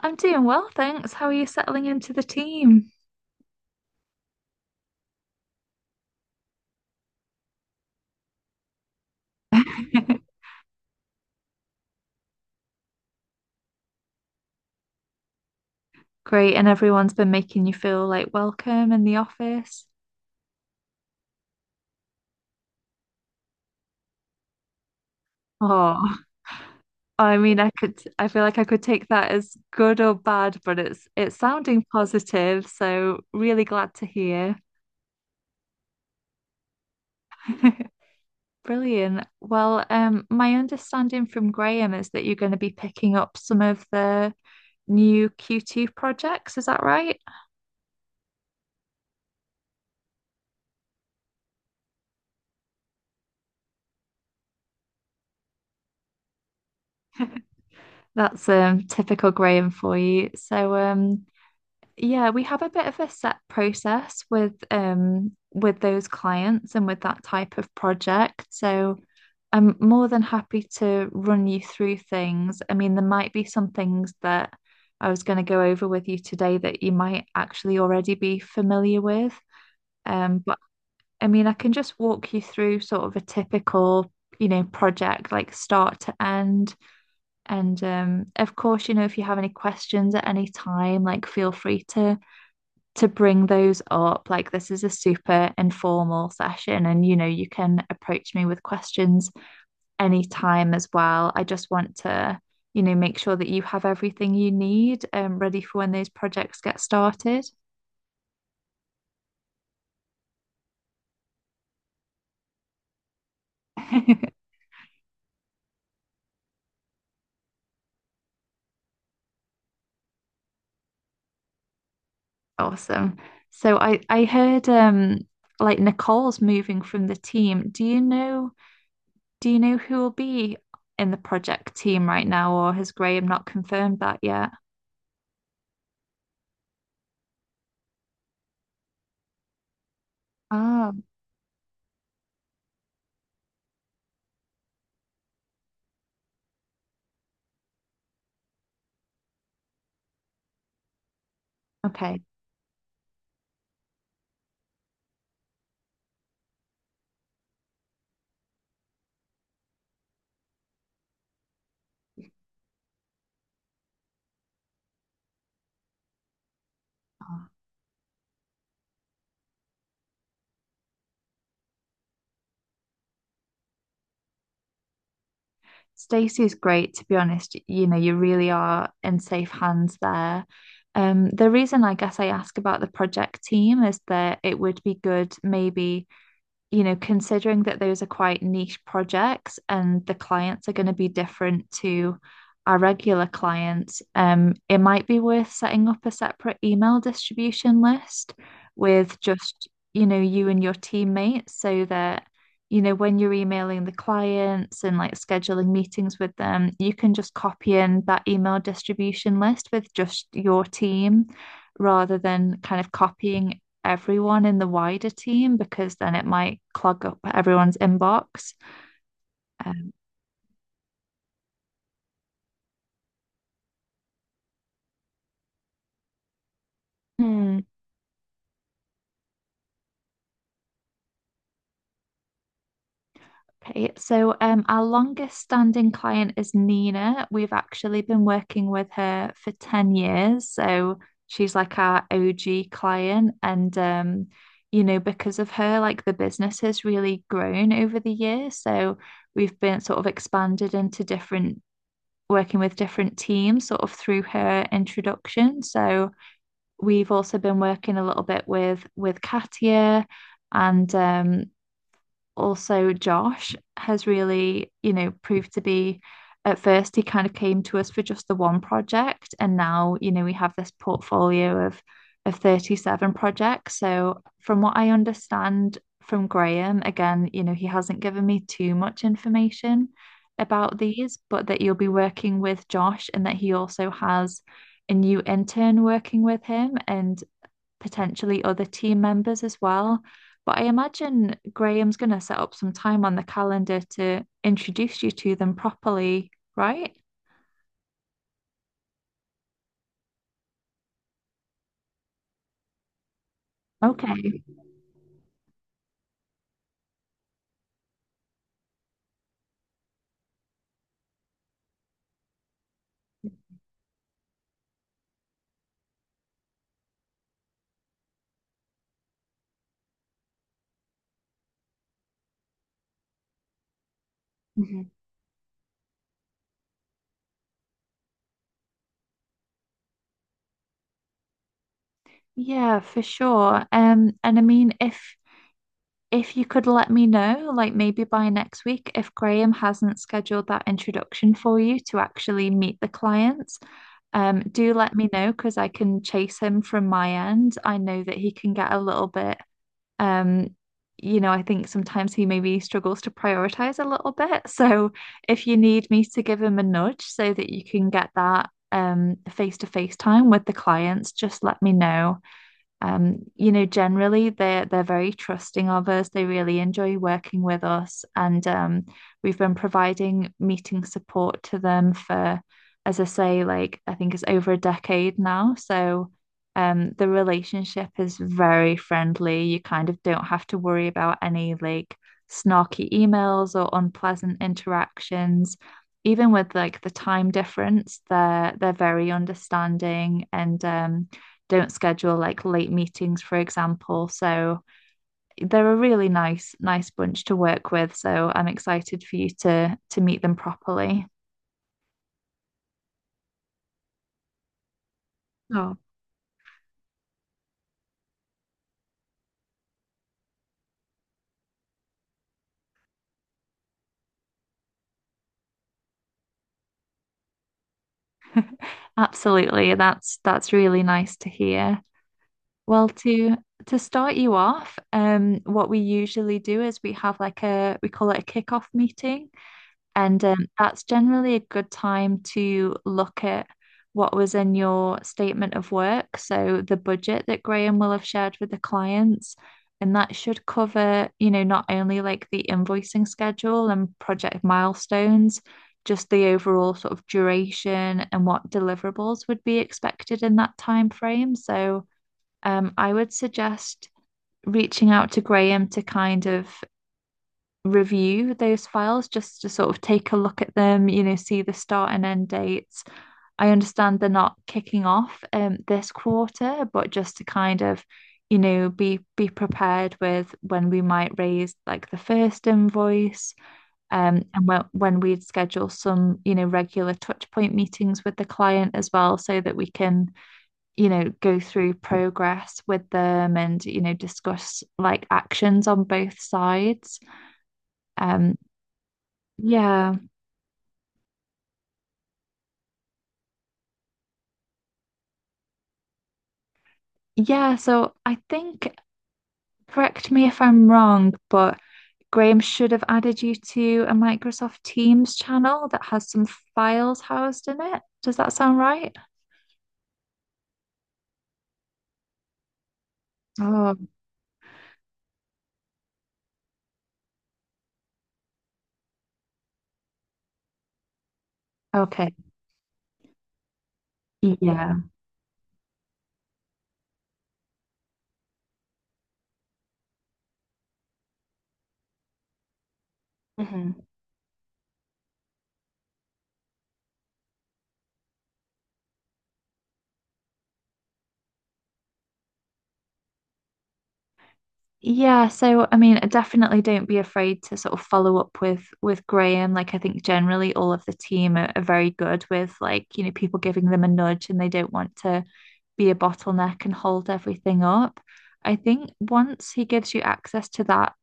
I'm doing well, thanks. How are you settling into the team? Great, and everyone's been making you feel like welcome in the office. Oh, I could, I feel like I could take that as good or bad, but it's sounding positive, so really glad to hear. Brilliant. My understanding from Graham is that you're going to be picking up some of the new Q2 projects. Is that right? That's typical Graham for you. Yeah, we have a bit of a set process with those clients and with that type of project. So I'm more than happy to run you through things. I mean, there might be some things that I was going to go over with you today that you might actually already be familiar with. But I mean, I can just walk you through sort of a typical, you know, project like start to end. And Of course, you know, if you have any questions at any time, like feel free to bring those up. Like, this is a super informal session, and you know, you can approach me with questions anytime as well. I just want to, you know, make sure that you have everything you need ready for when those projects get started. Awesome. So I heard like Nicole's moving from the team. Do you know who will be in the project team right now, or has Graham not confirmed that yet? Oh, okay. Oh. Stacey's great, to be honest. You know, you really are in safe hands there. The reason I guess I ask about the project team is that it would be good maybe you know, considering that those are quite niche projects and the clients are going to be different to our regular clients, it might be worth setting up a separate email distribution list with just, you know, you and your teammates so that, you know, when you're emailing the clients and like scheduling meetings with them, you can just copy in that email distribution list with just your team rather than kind of copying everyone in the wider team because then it might clog up everyone's inbox. Um, hmm. Our longest standing client is Nina. We've actually been working with her for 10 years. So she's like our OG client. You know, because of her, like the business has really grown over the years. So we've been sort of expanded into different, working with different teams sort of through her introduction. So, we've also been working a little bit with Katia and also Josh has really, you know, proved to be at first he kind of came to us for just the one project and now, you know, we have this portfolio of 37 projects. So from what I understand from Graham, again, you know, he hasn't given me too much information about these, but that you'll be working with Josh and that he also has a new intern working with him and potentially other team members as well. But I imagine Graham's going to set up some time on the calendar to introduce you to them properly, right? Okay. Mhm. Yeah, for sure. And I mean, if you could let me know, like maybe by next week, if Graham hasn't scheduled that introduction for you to actually meet the clients, do let me know because I can chase him from my end. I know that he can get a little bit. Um, you know, I think sometimes he maybe struggles to prioritize a little bit. So if you need me to give him a nudge so that you can get that face-to-face time with the clients, just let me know. You know, generally they're very trusting of us. They really enjoy working with us, and we've been providing meeting support to them for, as I say, like I think it's over a decade now. So, the relationship is very friendly. You kind of don't have to worry about any like snarky emails or unpleasant interactions. Even with like the time difference, they're very understanding and don't schedule like late meetings, for example. So they're a really nice, nice bunch to work with. So I'm excited for you to meet them properly. Oh, Absolutely. That's really nice to hear. Well, to start you off, what we usually do is we have like a we call it a kickoff meeting. And That's generally a good time to look at what was in your statement of work. So the budget that Graham will have shared with the clients. And that should cover, you know, not only like the invoicing schedule and project milestones, just the overall sort of duration and what deliverables would be expected in that time frame. I would suggest reaching out to Graham to kind of review those files just to sort of take a look at them, you know, see the start and end dates. I understand they're not kicking off this quarter, but just to kind of, you know, be prepared with when we might raise like the first invoice, and when we'd schedule some, you know, regular touch point meetings with the client as well, so that we can, you know, go through progress with them and, you know, discuss like actions on both sides. Um, yeah. Yeah. So I think, correct me if I'm wrong, but Graham should have added you to a Microsoft Teams channel that has some files housed in it. Does that sound right? Oh, okay. Yeah. Mhm. Yeah, so I mean, definitely don't be afraid to sort of follow up with Graham. Like I think generally all of the team are very good with like, you know, people giving them a nudge and they don't want to be a bottleneck and hold everything up. I think once he gives you access to that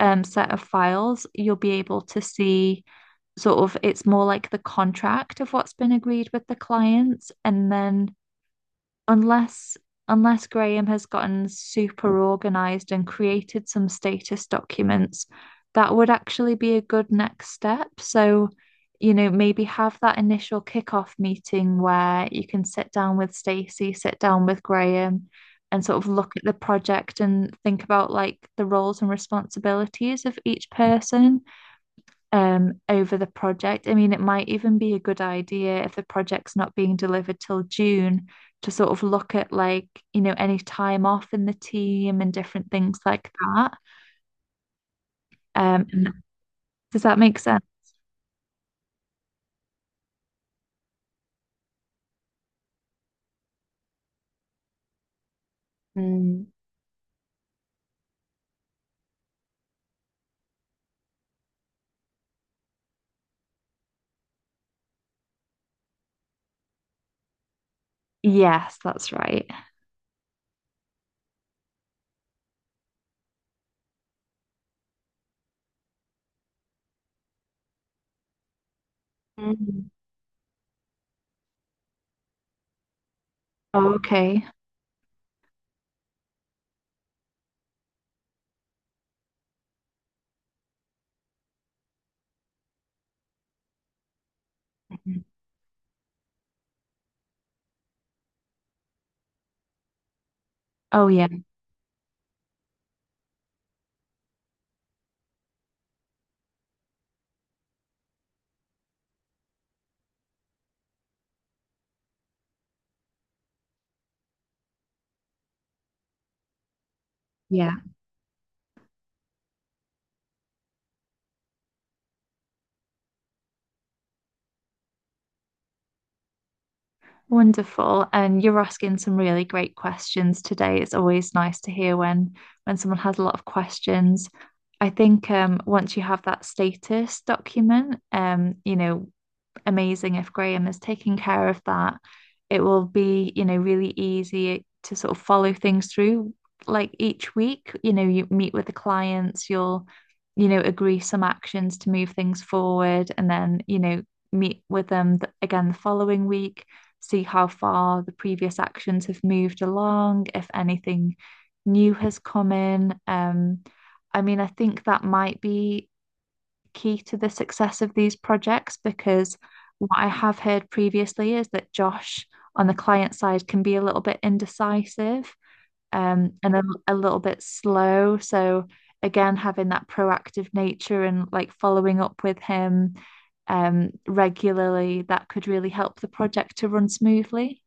set of files, you'll be able to see sort of it's more like the contract of what's been agreed with the clients and then unless unless Graham has gotten super organized and created some status documents, that would actually be a good next step. So, you know, maybe have that initial kickoff meeting where you can sit down with Stacey, sit down with Graham, and sort of look at the project and think about like the roles and responsibilities of each person over the project. I mean, it might even be a good idea if the project's not being delivered till June to sort of look at like, you know, any time off in the team and different things like that. And does that make sense? Mm. Yes, that's right. Mm. Oh, okay. Mhm. Oh, yeah. Yeah. Wonderful. And you're asking some really great questions today. It's always nice to hear when someone has a lot of questions. I think once you have that status document, you know, amazing if Graham is taking care of that. It will be, you know, really easy to sort of follow things through. Like each week, you know, you meet with the clients, you'll, you know, agree some actions to move things forward, and then, you know, meet with them again the following week, see how far the previous actions have moved along, if anything new has come in. I mean, I think that might be key to the success of these projects because what I have heard previously is that Josh on the client side can be a little bit indecisive and a little bit slow. So, again, having that proactive nature and like following up with him regularly, that could really help the project to run smoothly.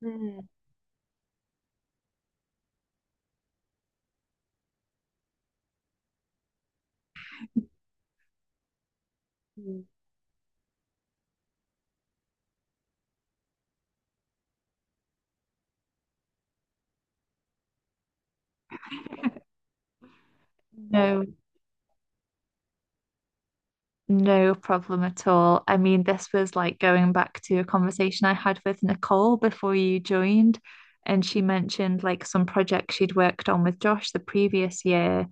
Mm. No, No problem at all. I mean, this was like going back to a conversation I had with Nicole before you joined, and she mentioned like some projects she'd worked on with Josh the previous year,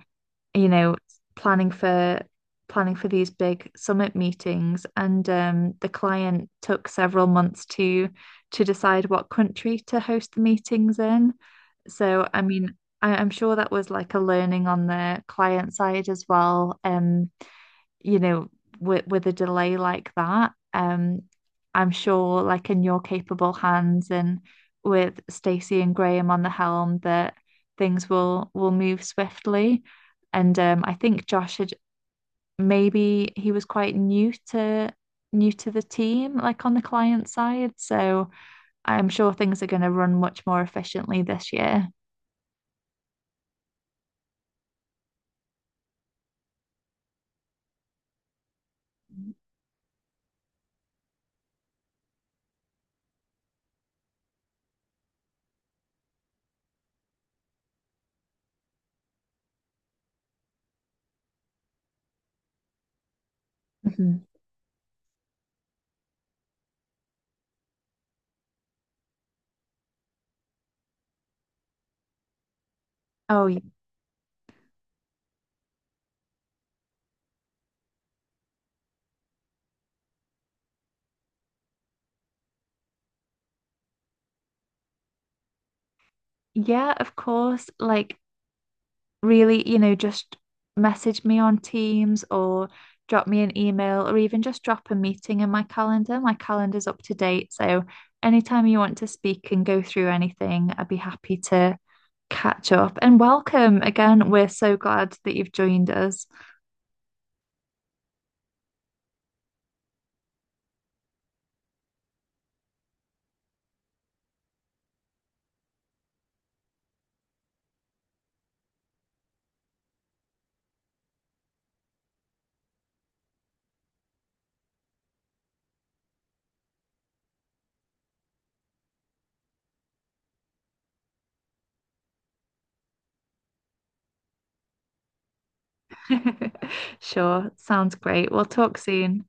you know, planning for planning for these big summit meetings, and the client took several months to decide what country to host the meetings in. So, I mean, I'm sure that was like a learning on the client side as well. You know, with a delay like that, I'm sure like in your capable hands and with Stacey and Graham on the helm that things will move swiftly. And I think Josh had maybe he was quite new to the team, like on the client side. So I'm sure things are going to run much more efficiently this year. Mhm. Oh, yeah, of course. Like really, you know, just message me on Teams or drop me an email or even just drop a meeting in my calendar. My calendar's up to date. So anytime you want to speak and go through anything, I'd be happy to catch up. And welcome again. We're so glad that you've joined us. Sure, sounds great. We'll talk soon.